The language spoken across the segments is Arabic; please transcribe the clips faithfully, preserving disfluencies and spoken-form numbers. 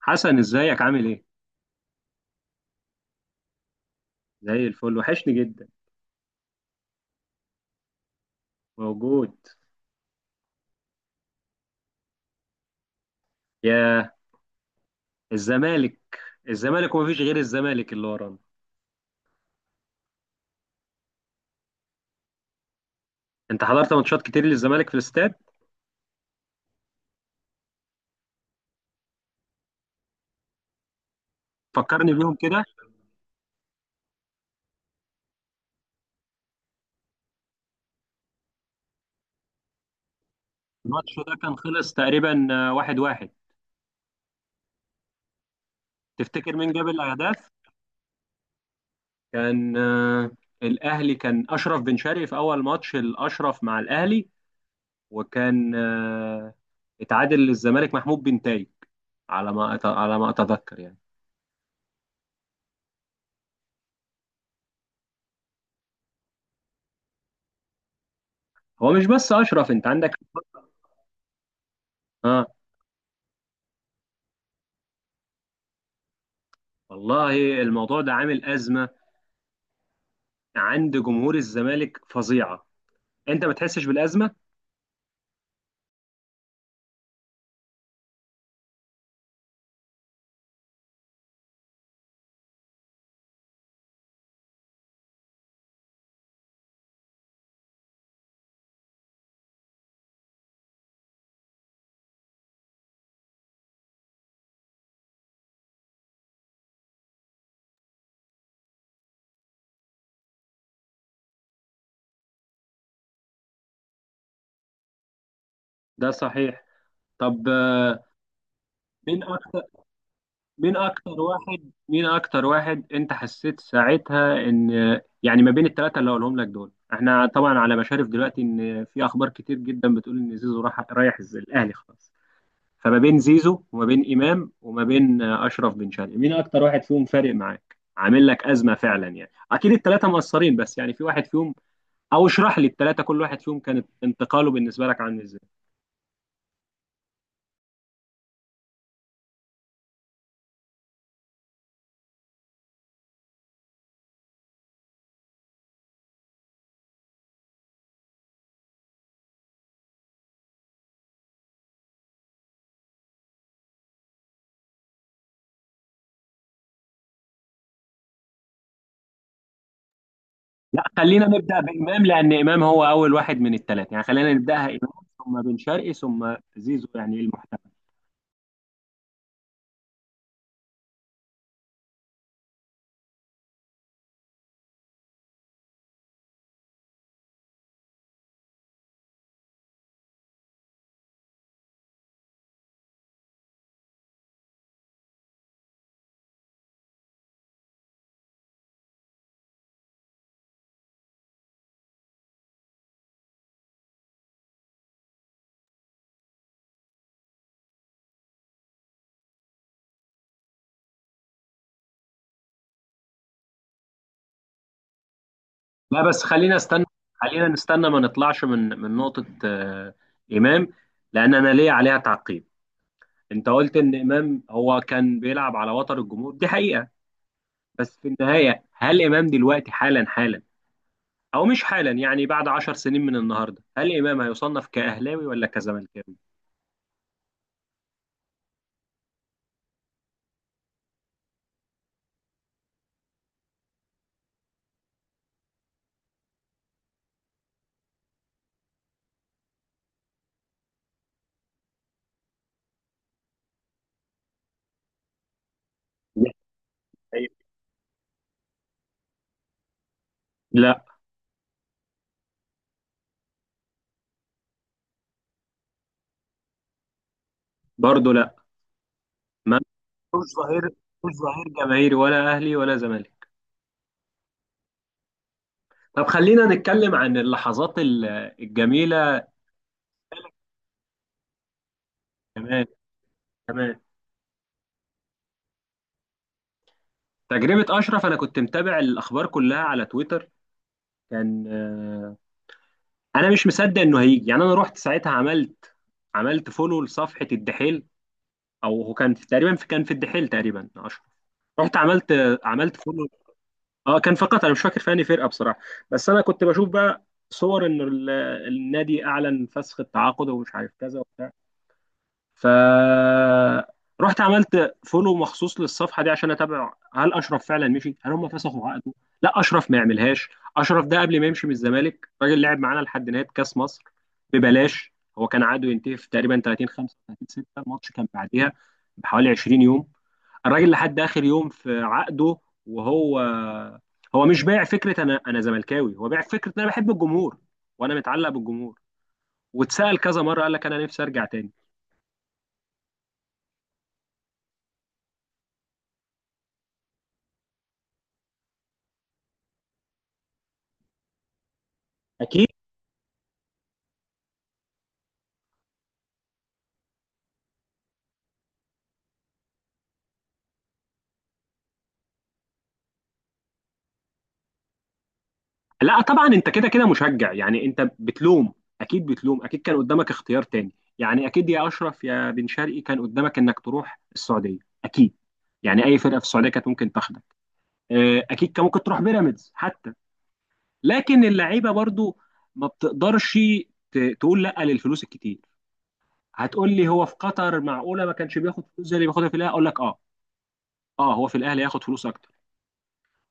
حسن، ازيك؟ عامل ايه؟ زي الفل. وحشني جدا. موجود. يا الزمالك! الزمالك ومفيش غير الزمالك اللي ورانا. انت حضرت ماتشات كتير للزمالك في الاستاد؟ فكرني بيهم كده. الماتش ده كان خلص تقريبا آه، واحد واحد. تفتكر مين جاب الاهداف؟ كان آه، الاهلي، كان اشرف بن شرقي في اول ماتش الاشرف مع الاهلي. وكان آه، اتعادل للزمالك محمود بن تايج، على ما أت- على ما اتذكر يعني. هو مش بس اشرف، انت عندك. اه. والله الموضوع ده عامل أزمة عند جمهور الزمالك فظيعة. أنت ما تحسش بالأزمة؟ ده صحيح. طب آه، مين أكتر مين أكتر واحد مين أكتر واحد أنت حسيت ساعتها إن آه، يعني، ما بين الثلاثة اللي هقولهم لك دول، إحنا طبعا على مشارف دلوقتي إن في أخبار كتير جدا بتقول إن زيزو راح رايح الز- الأهلي خلاص. فما بين زيزو وما بين إمام وما بين آه، أشرف بن شرقي، مين أكتر واحد فيهم فارق معاك؟ عامل لك أزمة فعلا يعني. أكيد الثلاثة مقصرين، بس يعني في واحد فيهم، او اشرح لي الثلاثه كل واحد فيهم كانت انتقاله بالنسبه لك عامل ازاي. لا، خلينا نبدا بامام، لان امام هو اول واحد من الثلاثه، يعني خلينا نبداها امام، ثم بن شرقي ثم زيزو، يعني المحتمل. لا بس خلينا استنى، خلينا نستنى، ما نطلعش من من نقطه آه، امام، لان انا ليا عليها تعقيب. انت قلت ان امام هو كان بيلعب على وتر الجمهور، دي حقيقه. بس في النهايه، هل امام دلوقتي حالا حالا، او مش حالا يعني، بعد عشر سنين من النهارده هل امام هيصنف كاهلاوي ولا كزملكاوي؟ لا. برضو لا. ما ملوش ظهير. ملوش ظهير جماهيري، ولا اهلي ولا زمالك. طب خلينا نتكلم عن اللحظات ال- الجميله. كمان. كمان. تجربه اشرف، انا كنت متابع الاخبار كلها على تويتر. كان آه، انا مش مصدق انه هيجي، يعني انا رحت ساعتها عملت عملت فولو لصفحه الدحيل، او هو كان في تقريبا، في كان في الدحيل تقريبا اشرف. رحت عملت عملت فولو. اه كان فقط، انا مش فاكر في انهي فرقه بصراحه، بس انا كنت بشوف بقى صور ان ال- النادي اعلن فسخ التعاقد ومش عارف كذا وبتاع، فرحت عملت فولو مخصوص للصفحه دي عشان اتابع هل اشرف فعلا مشي، هل هم فسخوا عقده. لا، اشرف ما يعملهاش. اشرف ده قبل ما يمشي من الزمالك، راجل لعب معانا لحد نهايه كاس مصر ببلاش. هو كان عقده ينتهي في تقريبا ثلاثين خمسة وتلاتين ستة، الماتش كان بعديها بحوالي عشرين يوم. الراجل لحد اخر يوم في عقده. وهو، هو مش بايع فكره انا انا زملكاوي، هو بايع فكره انا بحب الجمهور وانا متعلق بالجمهور. واتسال كذا مره قال لك انا نفسي ارجع تاني. اكيد. لا طبعا، انت كده كده مشجع يعني، انت بتلوم. اكيد بتلوم. اكيد كان قدامك اختيار تاني، يعني اكيد يا اشرف يا بن شرقي كان قدامك انك تروح السعوديه، اكيد. يعني اي فرقه في السعوديه كانت ممكن تاخدك. آه، اكيد كان ممكن تروح بيراميدز حتى. لكن اللعيبه برضو ما بتقدرش ت- تقول لا للفلوس الكتير. هتقول لي هو في قطر معقوله ما كانش بياخد فلوس زي اللي بياخدها في الاهلي؟ اقول لك اه، اه، هو في الاهلي ياخد فلوس اكتر.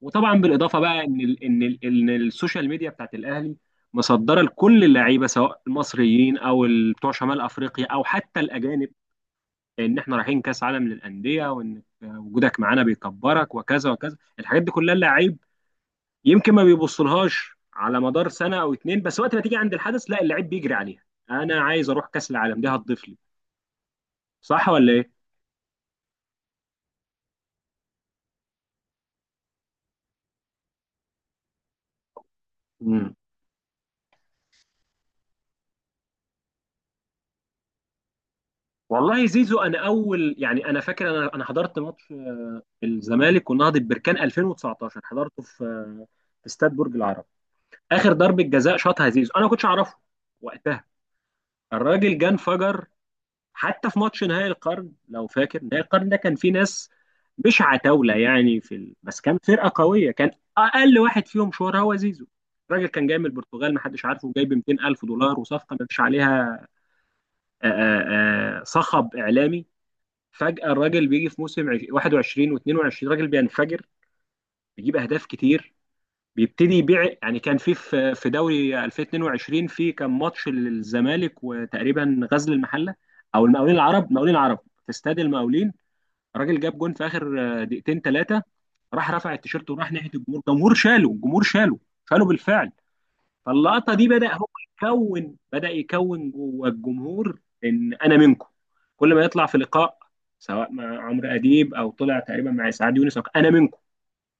وطبعا بالاضافه بقى ان ال ان ال ان السوشيال ميديا بتاعت الاهلي مصدره لكل اللعيبه، سواء المصريين او ال- بتوع شمال افريقيا او حتى الاجانب، ان احنا رايحين كاس عالم للانديه، وان وجودك معانا بيكبرك وكذا وكذا. الحاجات دي كلها اللعيب يمكن ما بيبصلهاش على مدار سنه او اتنين، بس وقت ما تيجي عند الحدث، لا، اللعيب بيجري عليها، انا عايز اروح كاس العالم، دي هتضيف لي. صح ولا؟ ايه؟ والله زيزو، انا اول، يعني انا فاكر، انا انا حضرت ماتش آه، الزمالك ونهضة بركان ألفين وتسعتاشر، حضرته في آه، في استاد برج العرب. اخر ضربه جزاء شاطها زيزو، انا ما كنتش اعرفه وقتها. الراجل جه انفجر. حتى في ماتش نهائي القرن، لو فاكر نهائي القرن ده كان فيه ناس مش عتاوله يعني، في ال... بس كان فرقه قويه، كان اقل واحد فيهم شهره هو زيزو. الراجل كان جاي من البرتغال ما حدش عارفه، جايب ميتين الف دولار، وصفقه ما فيش عليها آه، آه، آه، صخب اعلامي. فجأة الراجل بيجي في موسم عش- واحد وعشرين و22، راجل بينفجر، بيجيب اهداف كتير، بيبتدي يبيع. يعني كان في في في دوري ألفين واتنين وعشرين، في كان ماتش للزمالك وتقريبا غزل المحله او المقاولين العرب، مقاولين العرب في استاد المقاولين، راجل جاب جون في اخر آه، دقيقتين ثلاثه، راح رفع التيشيرت وراح ناحيه الجمهور، الجمهور شاله، الجمهور شاله، شاله بالفعل. فاللقطه دي بدا هو يكون، بدا يكون جوه الجمهور ان انا منكم. كل ما يطلع في لقاء، سواء مع عمرو اديب او طلع تقريبا مع اسعاد يونس، أو- انا منكم،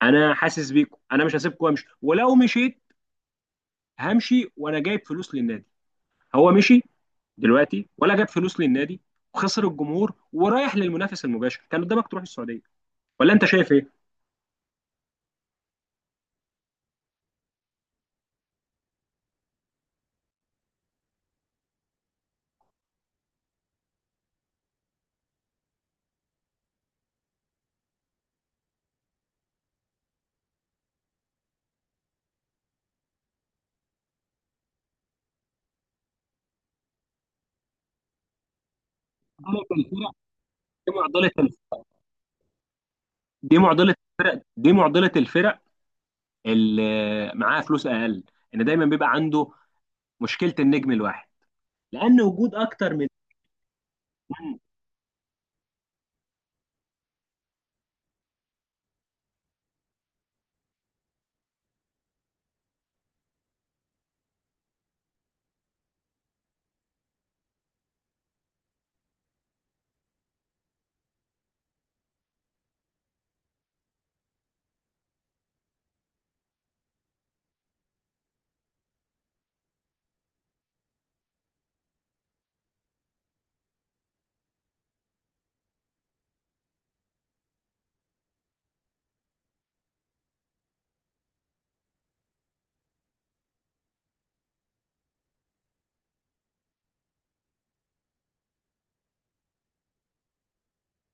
انا حاسس بيكم، انا مش هسيبكم وامشي، ولو مشيت همشي وانا جايب فلوس للنادي. هو مشي دلوقتي ولا جاب فلوس للنادي؟ وخسر الجمهور، ورايح للمنافس المباشر. كان قدامك تروح السعوديه، ولا انت شايف ايه؟ معضلة الفرق، دي معضله الفرق، دي معضله الفرق، دي معضله الفرق اللي معاه فلوس اقل، ان دايما بيبقى عنده مشكله النجم الواحد، لان وجود اكتر من نجم.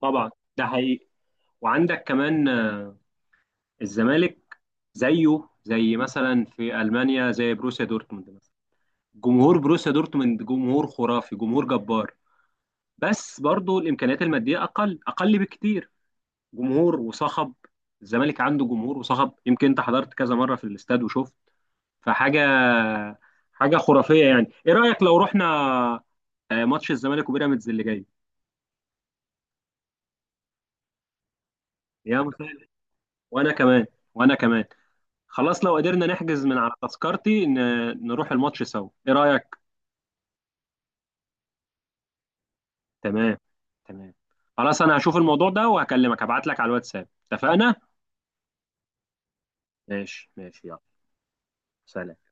طبعا ده حقيقي. وعندك كمان آه، الزمالك زيه زي مثلا في المانيا، زي بروسيا دورتموند مثلا. جمهور بروسيا دورتموند جمهور خرافي، جمهور جبار، بس برضو الامكانيات الماديه اقل اقل بكتير. جمهور وصخب. الزمالك عنده جمهور وصخب، يمكن انت حضرت كذا مره في الاستاد وشفت، فحاجه، حاجه خرافيه يعني. ايه رايك لو رحنا آه، ماتش الزمالك وبيراميدز اللي جاي؟ يا مسهل. وانا كمان. وانا كمان. خلاص، لو قدرنا نحجز من على تذكرتي ن- نروح الماتش سوا، ايه رايك؟ تمام. تمام. خلاص انا هشوف الموضوع ده وهكلمك، هبعت لك على الواتساب، اتفقنا؟ ماشي ماشي، يلا. سلام.